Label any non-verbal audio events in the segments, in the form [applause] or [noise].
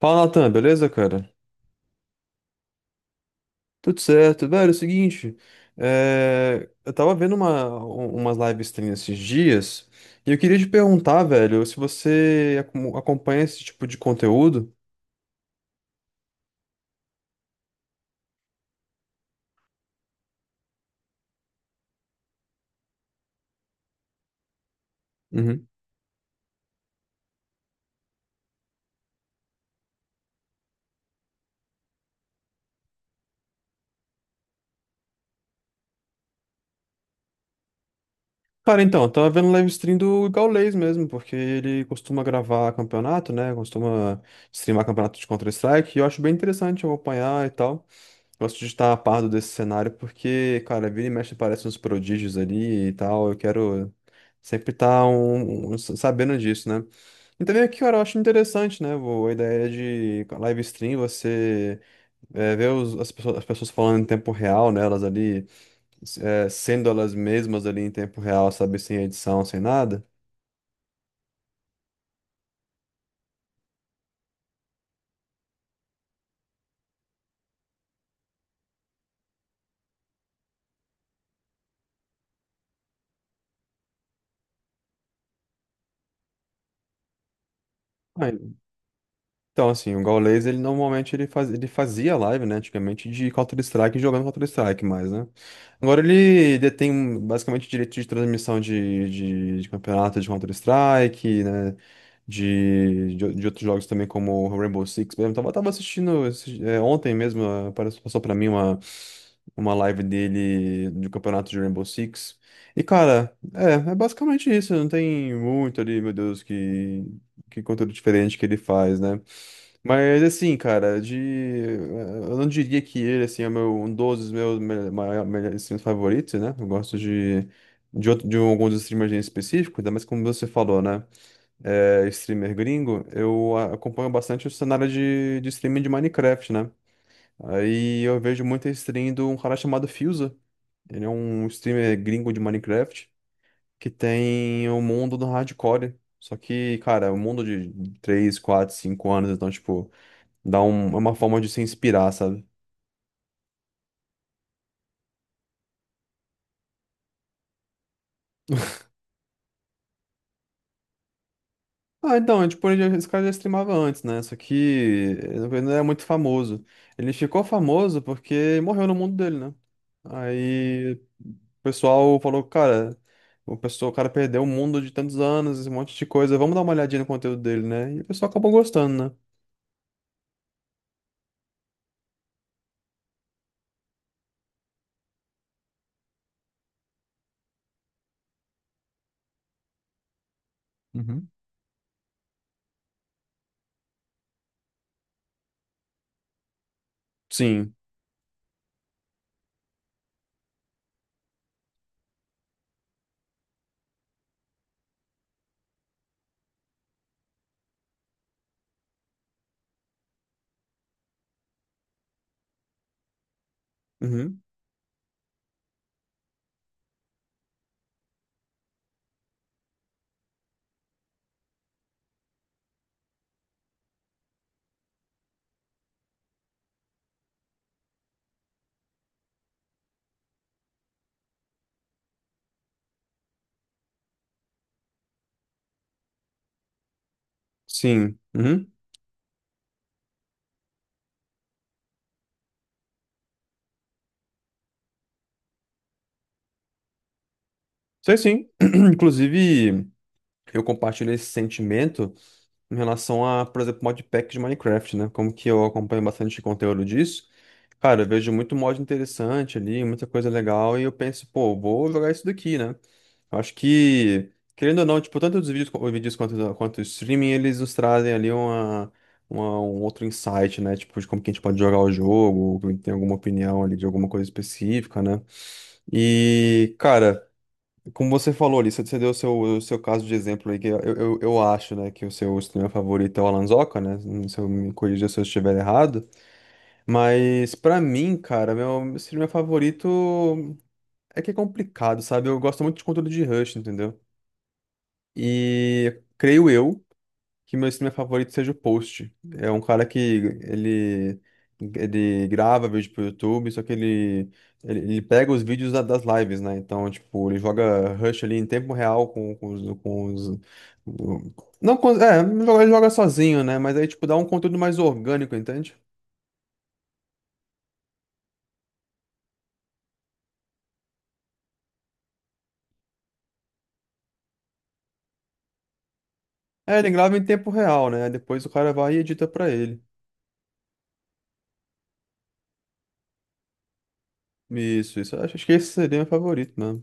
Fala, Natan, beleza, cara? Tudo certo. Velho, é o seguinte, eu tava vendo umas live stream esses dias e eu queria te perguntar, velho, se você acompanha esse tipo de conteúdo. Uhum. Cara, então, eu tava vendo live stream do Gaules mesmo, porque ele costuma gravar campeonato, né? Costuma streamar campeonato de Counter-Strike e eu acho bem interessante acompanhar e tal. Gosto de estar a par desse cenário porque, cara, vira e mexe aparecem uns prodígios ali e tal. Eu quero sempre estar sabendo disso, né? E também aqui, cara, eu acho interessante, né? A ideia de live stream, você ver as pessoas falando em tempo real, né? Elas ali, sendo elas mesmas ali em tempo real, sabe? Sem edição, sem nada. Ah, então, assim, o Gaules, ele normalmente ele fazia live, né, antigamente, de Counter-Strike, jogando Counter-Strike mais, né? Agora ele detém basicamente direito de transmissão de campeonato de Counter-Strike, né, de outros jogos também, como o Rainbow Six mesmo. Tava assistindo ontem mesmo, passou pra mim uma live dele do campeonato de Rainbow Six. E, cara, é basicamente isso, não tem muito ali, meu Deus, que conteúdo diferente que ele faz, né? Mas assim, cara, de. Eu não diria que ele assim, é um dos meus melhores streamers favoritos, né? Eu gosto de alguns streamers em específico, ainda mais como você falou, né? É, streamer gringo, eu acompanho bastante o cenário de streaming de Minecraft, né? Aí eu vejo muita stream de um cara chamado Fusa. Ele é um streamer gringo de Minecraft que tem o mundo do hardcore. Só que, cara, o mundo de 3 4 5 anos, então, tipo. É uma forma de se inspirar, sabe? Ah, então, é tipo, esse cara já streamava antes, né? Só que ele não era muito famoso. Ele ficou famoso porque morreu no mundo dele, né? Aí o pessoal falou, cara, o pessoal, o cara perdeu o mundo de tantos anos, esse monte de coisa, vamos dar uma olhadinha no conteúdo dele, né? E o pessoal acabou gostando, né? Uhum. Sim. Uhum. Sim. Uhum. Sei sim. [clears throat] Inclusive, eu compartilho esse sentimento em relação a, por exemplo, modpack de Minecraft, né? Como que eu acompanho bastante conteúdo disso, cara, eu vejo muito mod interessante ali, muita coisa legal, e eu penso, pô, vou jogar isso daqui, né? Eu acho que, querendo ou não, tipo, tanto os vídeos quanto o streaming, eles nos trazem ali um outro insight, né? Tipo, de como que a gente pode jogar o jogo, ou tem alguma opinião ali de alguma coisa específica, né? E, cara, como você falou ali, você deu o seu caso de exemplo aí, que eu acho, né, que o seu streamer favorito é o Alan Zoca, né? Se eu me corrija se eu estiver errado. Mas pra mim, cara, meu streamer favorito é que é complicado, sabe? Eu gosto muito de conteúdo de Rush, entendeu? E creio eu que meu streamer favorito seja o Post. É um cara que ele grava vídeo pro YouTube, só que ele pega os vídeos das lives, né? Então, tipo, ele joga Rush ali em tempo real com, com os- Não, com, é, ele joga sozinho, né? Mas aí, tipo, dá um conteúdo mais orgânico, entende? É, ele grava em tempo real, né? Depois o cara vai e edita pra ele. Isso, isso. Acho que esse seria meu favorito, né?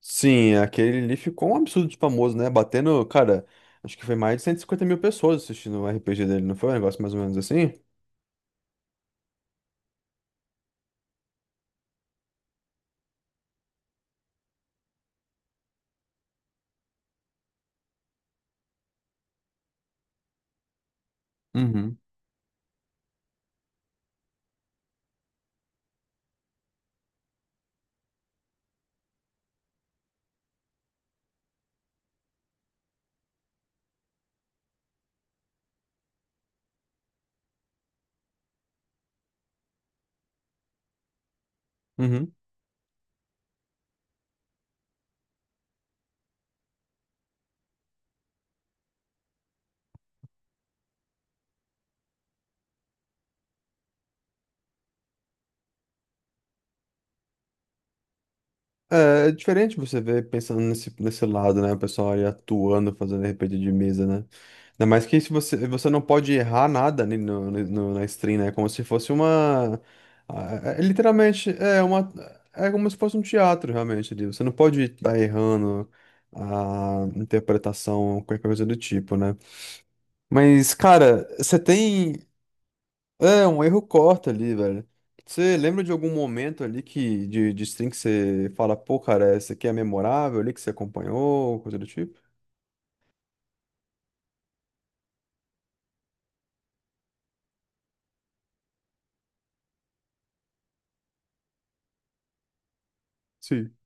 Sim, aquele ali ficou um absurdo de famoso, né? Batendo, cara, acho que foi mais de 150 mil pessoas assistindo o RPG dele, não foi um negócio mais ou menos assim? Uhum, uhum. É, é diferente você ver pensando nesse lado, né? O pessoal ali atuando, fazendo RPG de mesa, né? Ainda mais que se você não pode errar nada ali na stream, né? É como se fosse uma. É, é literalmente, é uma. É como se fosse um teatro, realmente, ali. Você não pode estar errando a interpretação, qualquer coisa do tipo, né? Mas, cara, você tem. É, um erro corta ali, velho. Você lembra de algum momento ali que de stream que você fala, pô, cara, essa aqui é memorável ali que você acompanhou, coisa do tipo? Sim.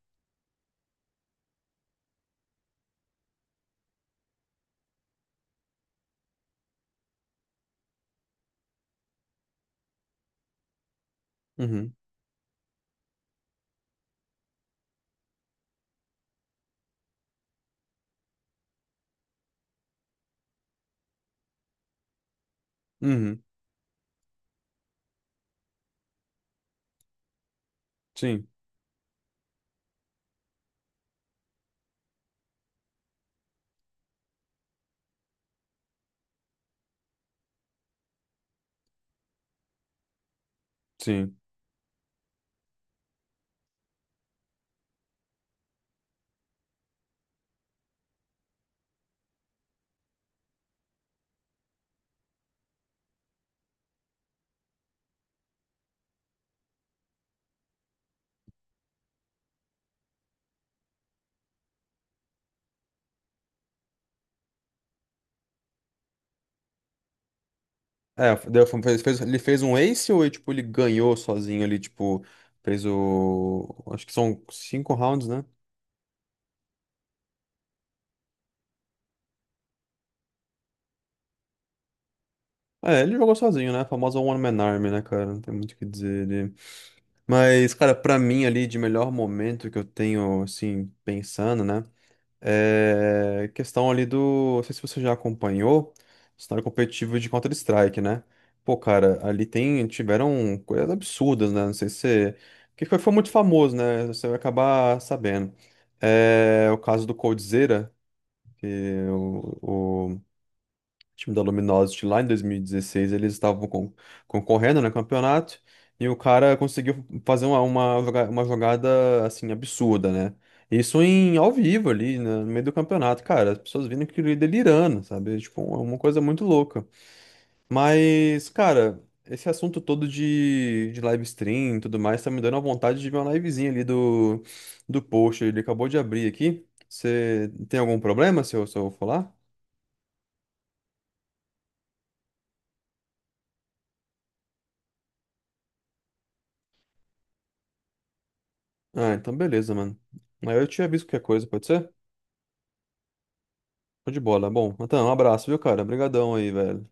Uhum. Uhum. Sim, sim. É, ele fez um ace ou ele, tipo, ele ganhou sozinho ali, tipo, fez o. Acho que são 5 rounds, né? É, ele jogou sozinho, né? A famosa One Man Army, né, cara? Não tem muito o que dizer. Mas, cara, pra mim ali de melhor momento que eu tenho, assim, pensando, né? É questão ali do. Não sei se você já acompanhou o cenário competitivo de Counter-Strike, né? Pô, cara, ali tem, tiveram coisas absurdas, né? Não sei se. Que foi, foi muito famoso, né? Você vai acabar sabendo. É o caso do Coldzera, que o, time da Luminosity lá em 2016 eles estavam concorrendo no campeonato e o cara conseguiu fazer uma jogada assim absurda, né? Isso em ao vivo ali, né, no meio do campeonato, cara, as pessoas vindo que delirando, sabe? Tipo, é uma coisa muito louca. Mas, cara, esse assunto todo de live stream e tudo mais tá me dando a vontade de ver uma livezinha ali do, do post. Ele acabou de abrir aqui. Você tem algum problema se se eu falar? Ah, então beleza, mano. Aí eu te aviso qualquer coisa, pode ser? Tô de bola. Bom, então um abraço, viu, cara? Obrigadão aí, velho.